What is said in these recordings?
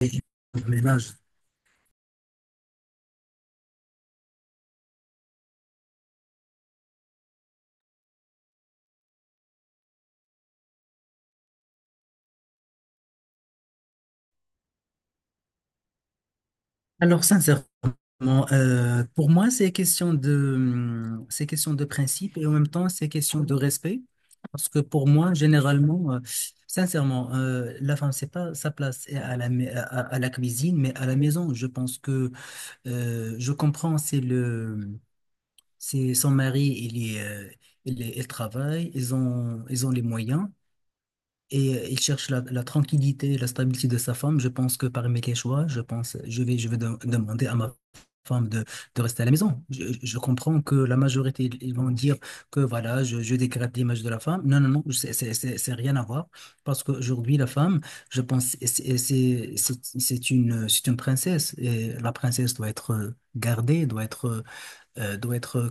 Et le ménage. Alors, sincèrement, pour moi, c'est question de principe et en même temps, c'est question de respect. Parce que pour moi, généralement, sincèrement, la femme, c'est pas sa place à la cuisine, mais à la maison. Je pense que je comprends, c'est son mari, il travaille, ils ont les moyens. Et il cherche la tranquillité et la stabilité de sa femme. Je pense que parmi les choix, je pense, demander à ma femme de rester à la maison. Je comprends que la majorité, ils vont dire que voilà, je dégrade l'image de la femme. Non, non, non, c'est rien à voir. Parce qu'aujourd'hui, la femme, je pense, c'est une princesse. Et la princesse doit être gardée, doit être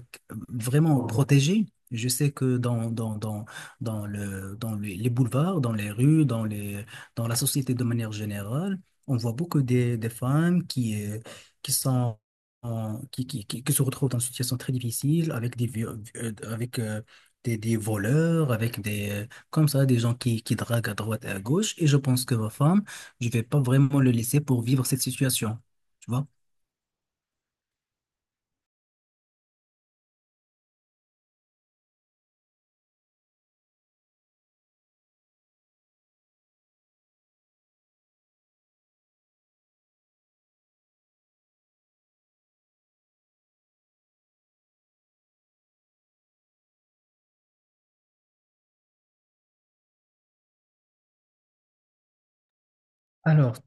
vraiment protégé. Je sais que dans les boulevards, dans les rues, dans la société de manière générale, on voit beaucoup des femmes qui sont, qui se retrouvent dans une situation très difficile avec euh, avec, euh, des voleurs, avec comme ça, des gens qui draguent à droite et à gauche. Et je pense que ma femme, je vais pas vraiment le laisser pour vivre cette situation. Tu vois? Alors,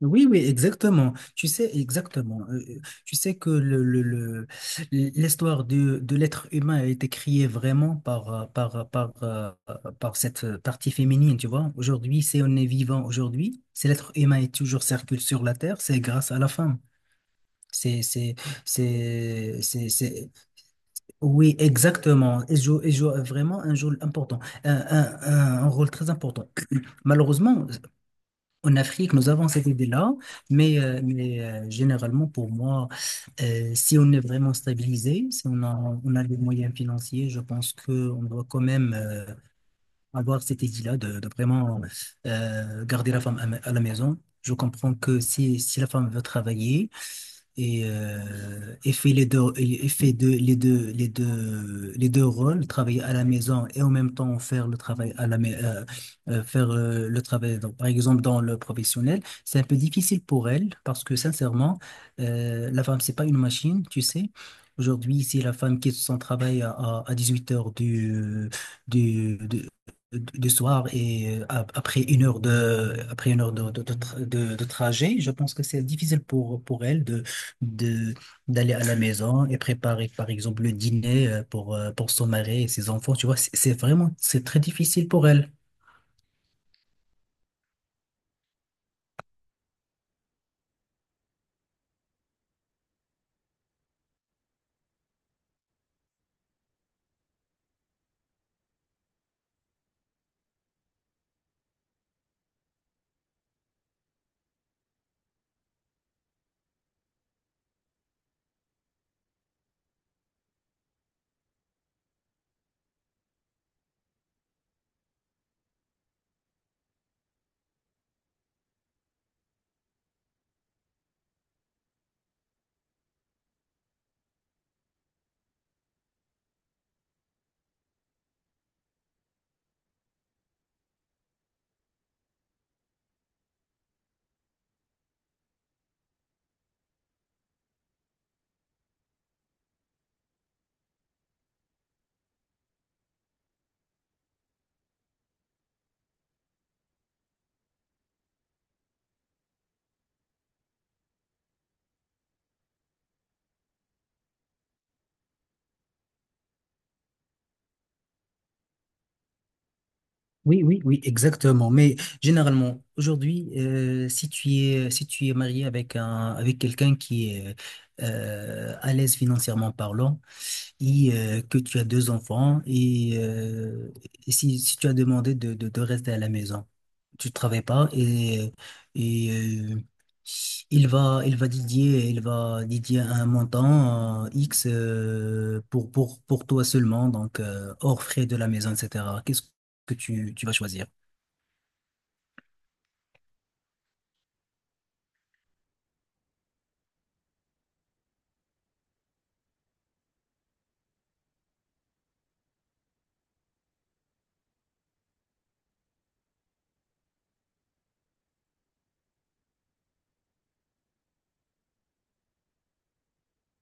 oui, oui, exactement. Tu sais, exactement. Tu sais que l'histoire de l'être humain a été créée vraiment par cette partie féminine, tu vois. Aujourd'hui, si on est vivant aujourd'hui, si l'être humain est toujours circule sur la Terre, c'est grâce à la femme. C'est, c'est, c'est, c'est, c'est- Oui, exactement. Elle joue vraiment un rôle important, un rôle très important. Malheureusement, en Afrique, nous avons cette idée-là, mais généralement, pour moi, si on est vraiment stabilisé, si on a les moyens financiers, je pense qu'on doit quand même avoir cette idée-là de vraiment garder la femme à, à la maison. Je comprends que si la femme veut travailler, et fait les deux, et fait deux- les deux, les deux, les deux rôles, travailler à la maison et en même temps faire le travail à la faire le travail, donc, par exemple dans le professionnel, c'est un peu difficile pour elle parce que sincèrement, la femme, c'est pas une machine, tu sais. Aujourd'hui, si la femme quitte son travail à, à huit heures du, du- du soir et après une heure de après une heure de, tra- de trajet, je pense que c'est difficile pour elle de d'aller à la maison et préparer par exemple le dîner pour son mari et ses enfants, tu vois, c'est très difficile pour elle. Oui, oui, oui, exactement, mais généralement aujourd'hui, si tu es marié avec un avec quelqu'un qui est à l'aise financièrement parlant et que tu as deux enfants, si tu as demandé de rester à la maison, tu travailles pas, et euh, il va dédier un montant X pour, pour toi seulement, donc hors frais de la maison, etc. Qu'est-ce que tu vas choisir?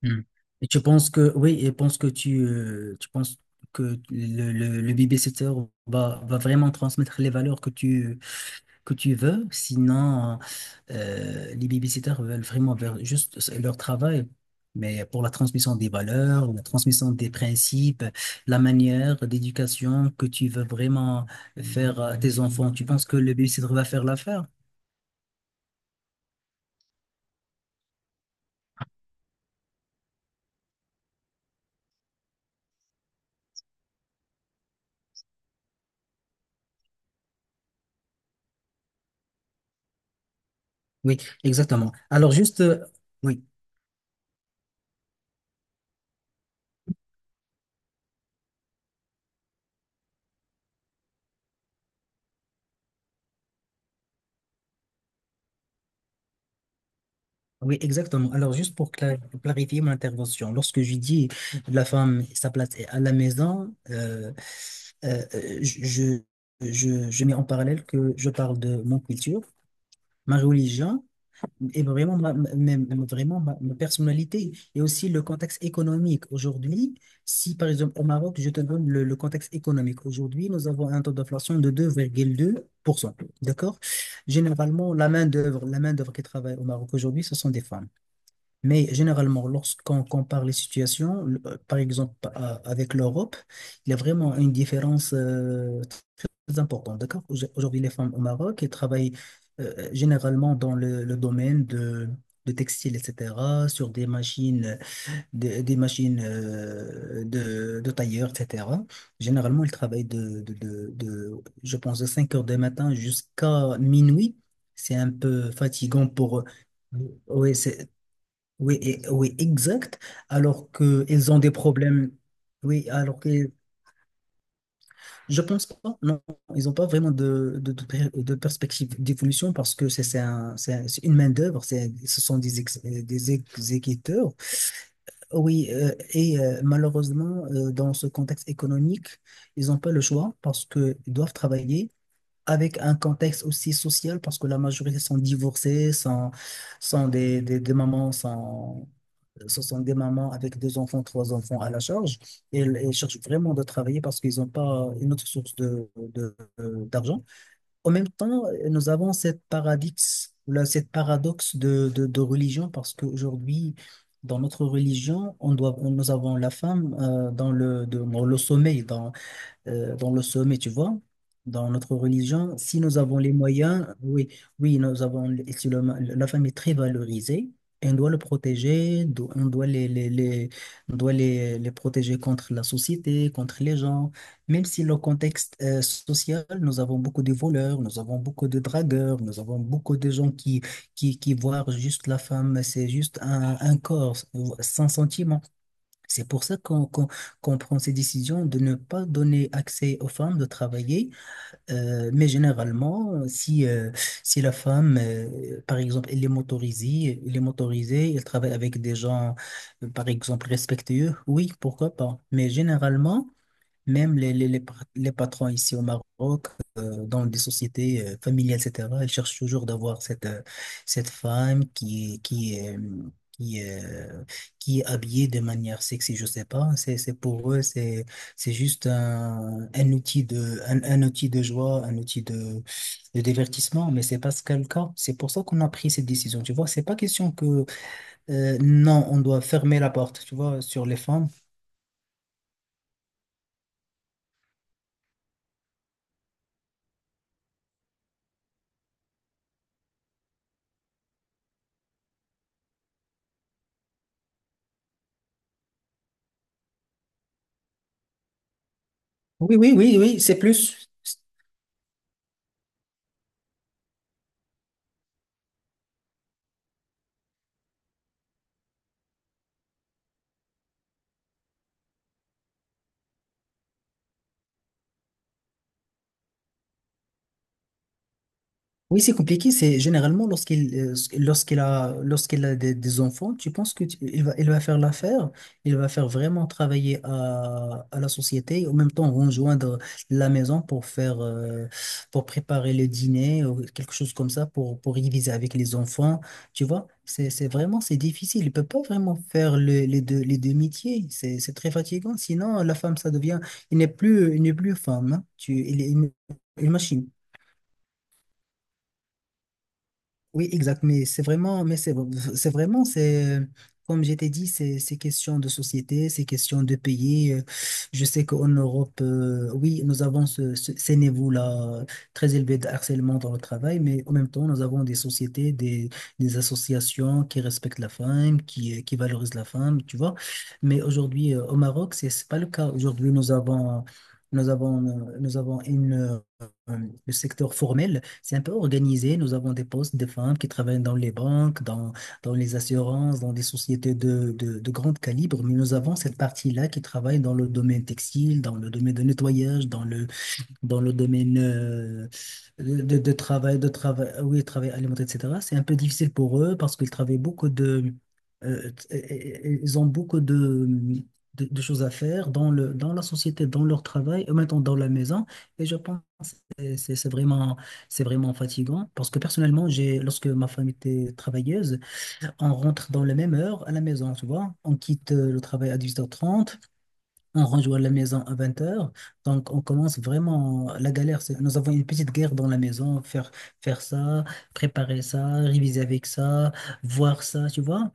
Hmm. Et tu penses que, oui, tu penses que le babysitter va vraiment transmettre les valeurs que que tu veux, sinon les babysitters veulent vraiment faire juste leur travail. Mais pour la transmission des valeurs, la transmission des principes, la manière d'éducation que tu veux vraiment faire à tes enfants, tu penses que le babysitter va faire l'affaire? Oui, exactement. Alors juste, oui. Oui, exactement. Alors, juste pour clarifier mon intervention, lorsque je dis la femme, sa place est à la maison, euh, euh, je, je, je mets en parallèle que je parle de mon culture, ma religion et vraiment ma personnalité et aussi le contexte économique. Aujourd'hui, si par exemple au Maroc, je te donne le contexte économique, aujourd'hui, nous avons un taux d'inflation de 2,2%. D'accord? Généralement, la main-d'œuvre qui travaille au Maroc aujourd'hui, ce sont des femmes. Mais généralement, lorsqu'on compare les situations, par exemple avec l'Europe, il y a vraiment une différence très importante. D'accord? Aujourd'hui, les femmes au Maroc, elles travaillent généralement dans le domaine de textile, etc., sur des machines, des machines de tailleur, etc. Généralement, elles travaillent je pense, de 5 heures du matin jusqu'à minuit. C'est un peu fatigant pour... Oui, oui, oui, exact. Alors qu'ils ont des problèmes. Oui, alors que je pense pas. Non, ils n'ont pas vraiment de perspective d'évolution parce que c'est une main-d'œuvre, ce sont des exécuteurs. Oui, malheureusement, dans ce contexte économique, ils n'ont pas le choix parce qu'ils doivent travailler avec un contexte aussi social parce que la majorité sont divorcés, sont des mamans, ce sont des mamans avec deux enfants, trois enfants à la charge, et elles cherchent vraiment de travailler parce qu'ils n'ont pas une autre source d'argent. En même temps, nous avons cette paradoxe, là, cette paradoxe de religion parce qu'aujourd'hui, dans notre religion, nous avons la femme dans le sommeil, dans le sommet, tu vois. Dans notre religion, si nous avons les moyens, oui, oui, nous avons, les- si le- la femme est très valorisée, on doit le protéger, do- on doit on doit les- les protéger contre la société, contre les gens. Même si le contexte social, nous avons beaucoup de voleurs, nous avons beaucoup de dragueurs, nous avons beaucoup de gens qui voient juste la femme, c'est juste un corps sans sentiment. C'est pour ça qu'on prend ces décisions de ne pas donner accès aux femmes de travailler. Mais généralement, si la femme, par exemple, elle est motorisée, elle travaille avec des gens, par exemple, respectueux, oui, pourquoi pas. Mais généralement, même les patrons ici au Maroc, dans des sociétés familiales, etc., ils cherchent toujours d'avoir cette, cette femme qui est, euh, qui est habillée de manière sexy, je sais pas. C'est pour eux, c'est juste un outil de, un outil de joie, un outil de divertissement, mais c'est pas ce qu'est le cas. C'est pour ça qu'on a pris cette décision, tu vois. C'est pas question que, non, on doit fermer la porte, tu vois, sur les femmes. Oui, oui, oui, oui, c'est plus. Oui, c'est compliqué. C'est généralement lorsqu'il a des enfants, tu penses que il va faire l'affaire, il va faire vraiment travailler à la société, et en même temps rejoindre la maison pour faire pour préparer le dîner ou quelque chose comme ça pour diviser avec les enfants. Tu vois, c'est difficile. Il peut pas vraiment faire les deux métiers. C'est très fatigant. Sinon, la femme ça devient il n'est plus femme, hein. Tu il est une machine. Oui, exact. Mais c'est vraiment, c'est, comme je t'ai dit, c'est question de société, c'est question de pays. Je sais qu'en Europe, oui, nous avons ces niveaux-là très élevés de harcèlement dans le travail, mais en même temps, nous avons des sociétés, des associations qui respectent la femme, qui valorisent la femme, tu vois. Mais aujourd'hui, au Maroc, c'est pas le cas. Aujourd'hui, nous avons une, euh, le secteur formel c'est un peu organisé. Nous avons des postes de femmes qui travaillent dans les banques, dans les assurances, dans des sociétés de grand calibre, mais nous avons cette partie-là qui travaille dans le domaine textile, dans le domaine de nettoyage, dans le domaine de travail, oui, travail alimentaire, etc. C'est un peu difficile pour eux parce qu'ils travaillent beaucoup de, ils ont beaucoup de choses à faire dans le, dans la société, dans leur travail, et maintenant dans la maison. Et je pense que c'est vraiment fatigant parce que personnellement, lorsque ma femme était travailleuse, on rentre dans la même heure à la maison, tu vois. On quitte le travail à 18 heures trente. On rejoint la maison à 20h. Donc, on commence vraiment la galère. Nous avons une petite guerre dans la maison. Faire, faire ça, préparer ça, réviser avec ça, voir ça, tu vois.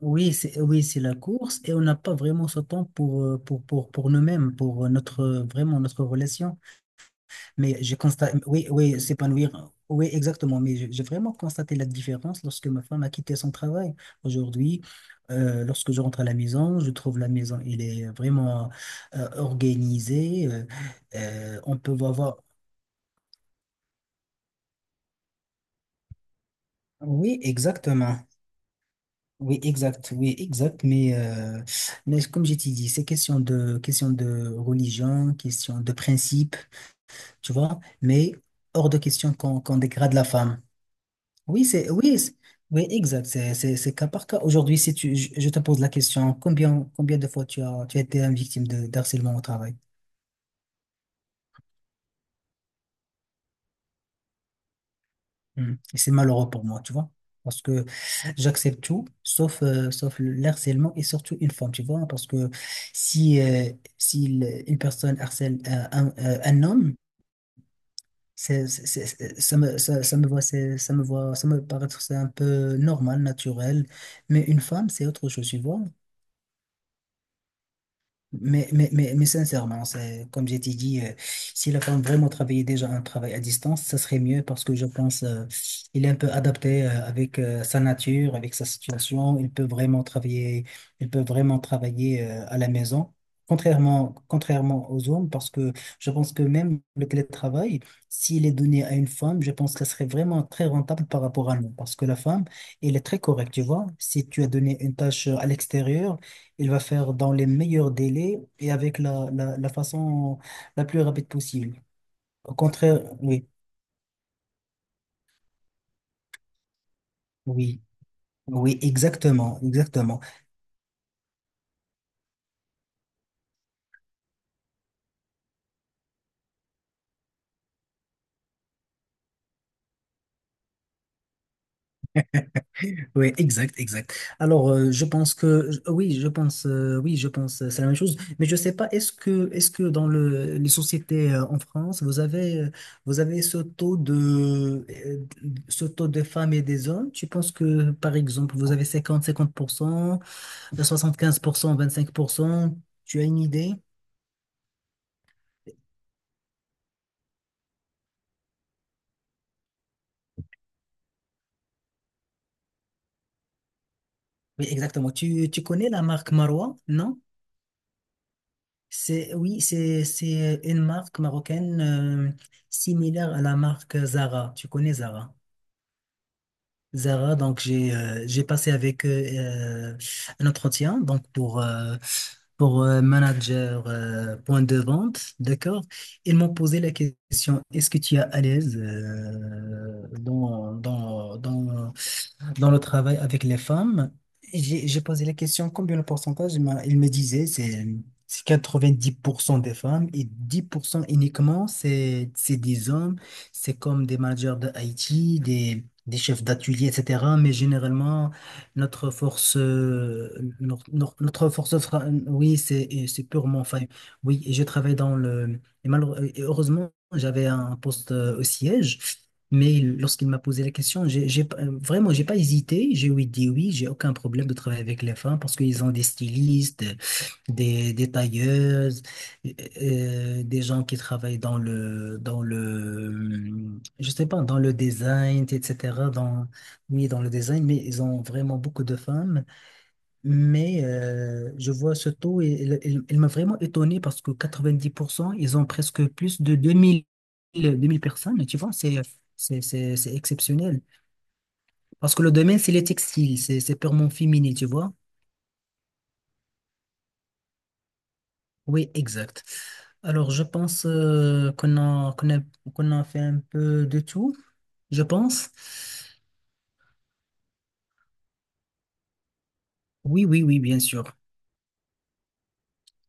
Oui, c'est la course et on n'a pas vraiment ce temps pour, pour nous-mêmes, pour vraiment notre relation. Mais j'ai constaté, oui, oui, s'épanouir, oui, exactement. Mais j'ai vraiment constaté la différence lorsque ma femme a quitté son travail. Aujourd'hui, lorsque je rentre à la maison, je trouve la maison, elle est vraiment organisée. On peut voir. Oui, exactement. Oui, exact. Oui, exact. Mais comme j'ai dit, c'est question de religion, question de principe, tu vois. Mais hors de question qu'on dégrade la femme. Oui, c'est oui, c'est- oui, exact. C'est cas par cas. Aujourd'hui, si je te pose la question, combien de fois tu as été une victime de d'harcèlement au travail? Hmm. Et c'est malheureux pour moi, tu vois, parce que j'accepte tout, sauf, sauf le harcèlement et surtout une forme, tu vois, parce que si, euh, si, une personne harcèle un homme, ça me, ça me voit, ça me paraît c'est un peu normal, naturel, mais une femme, c'est autre chose, tu vois. Mais sincèrement, c'est, comme j'ai dit, si la femme vraiment travaillait déjà un travail à distance, ça serait mieux parce que je pense il est un peu adapté avec sa nature, avec sa situation. Il peut vraiment travailler, il peut vraiment travailler à la maison, contrairement aux hommes, parce que je pense que même le télétravail, s'il est donné à une femme, je pense que ça serait vraiment très rentable par rapport à nous, parce que la femme, elle est très correcte, tu vois. Si tu as donné une tâche à l'extérieur, il va faire dans les meilleurs délais et avec la façon la plus rapide possible. Au contraire, oui, oui, oui, exactement, exactement. Oui, exact, exact. Je pense que c'est la même chose. Mais je sais pas, est-ce que dans les sociétés en France, vous avez ce taux de, femmes et des hommes? Tu penses que, par exemple, vous avez 50, 50%, 75%, 25%? Tu as une idée? Oui, exactement. Tu connais la marque Marois, non? C'est une marque marocaine similaire à la marque Zara. Tu connais Zara? Zara, donc j'ai passé avec eux euh, un entretien donc pour manager point de vente, d'accord? Ils m'ont posé la question, est-ce que tu es à l'aise dans le travail avec les femmes? J'ai posé la question, combien le pourcentage? Ils me disait c'est 90% des femmes et 10% uniquement, c'est des hommes. C'est comme des managers de IT, des chefs d'atelier, etc. Mais généralement, notre force, oui, c'est purement, enfin, oui, et je travaille dans le. Et heureusement, j'avais un poste au siège. Lorsqu'il m'a posé la question, j'ai, pas- vraiment, j'ai pas hésité. J'ai dit oui, j'ai aucun problème de travailler avec les femmes parce qu'ils ont des stylistes, des tailleuses des gens qui travaillent dans je sais pas, dans le design, etc. Oui, dans le design, mais ils ont vraiment beaucoup de femmes. Mais je vois ce taux et il m'a vraiment étonné parce que 90%, ils ont presque plus de 2000 personnes. Tu vois, c'est exceptionnel. Parce que le domaine, c'est les textiles, c'est purement féminin, tu vois. Oui, exact. Alors, je pense qu'on a fait un peu de tout, je pense. Oui, oui, oui, bien sûr.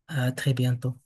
À très bientôt.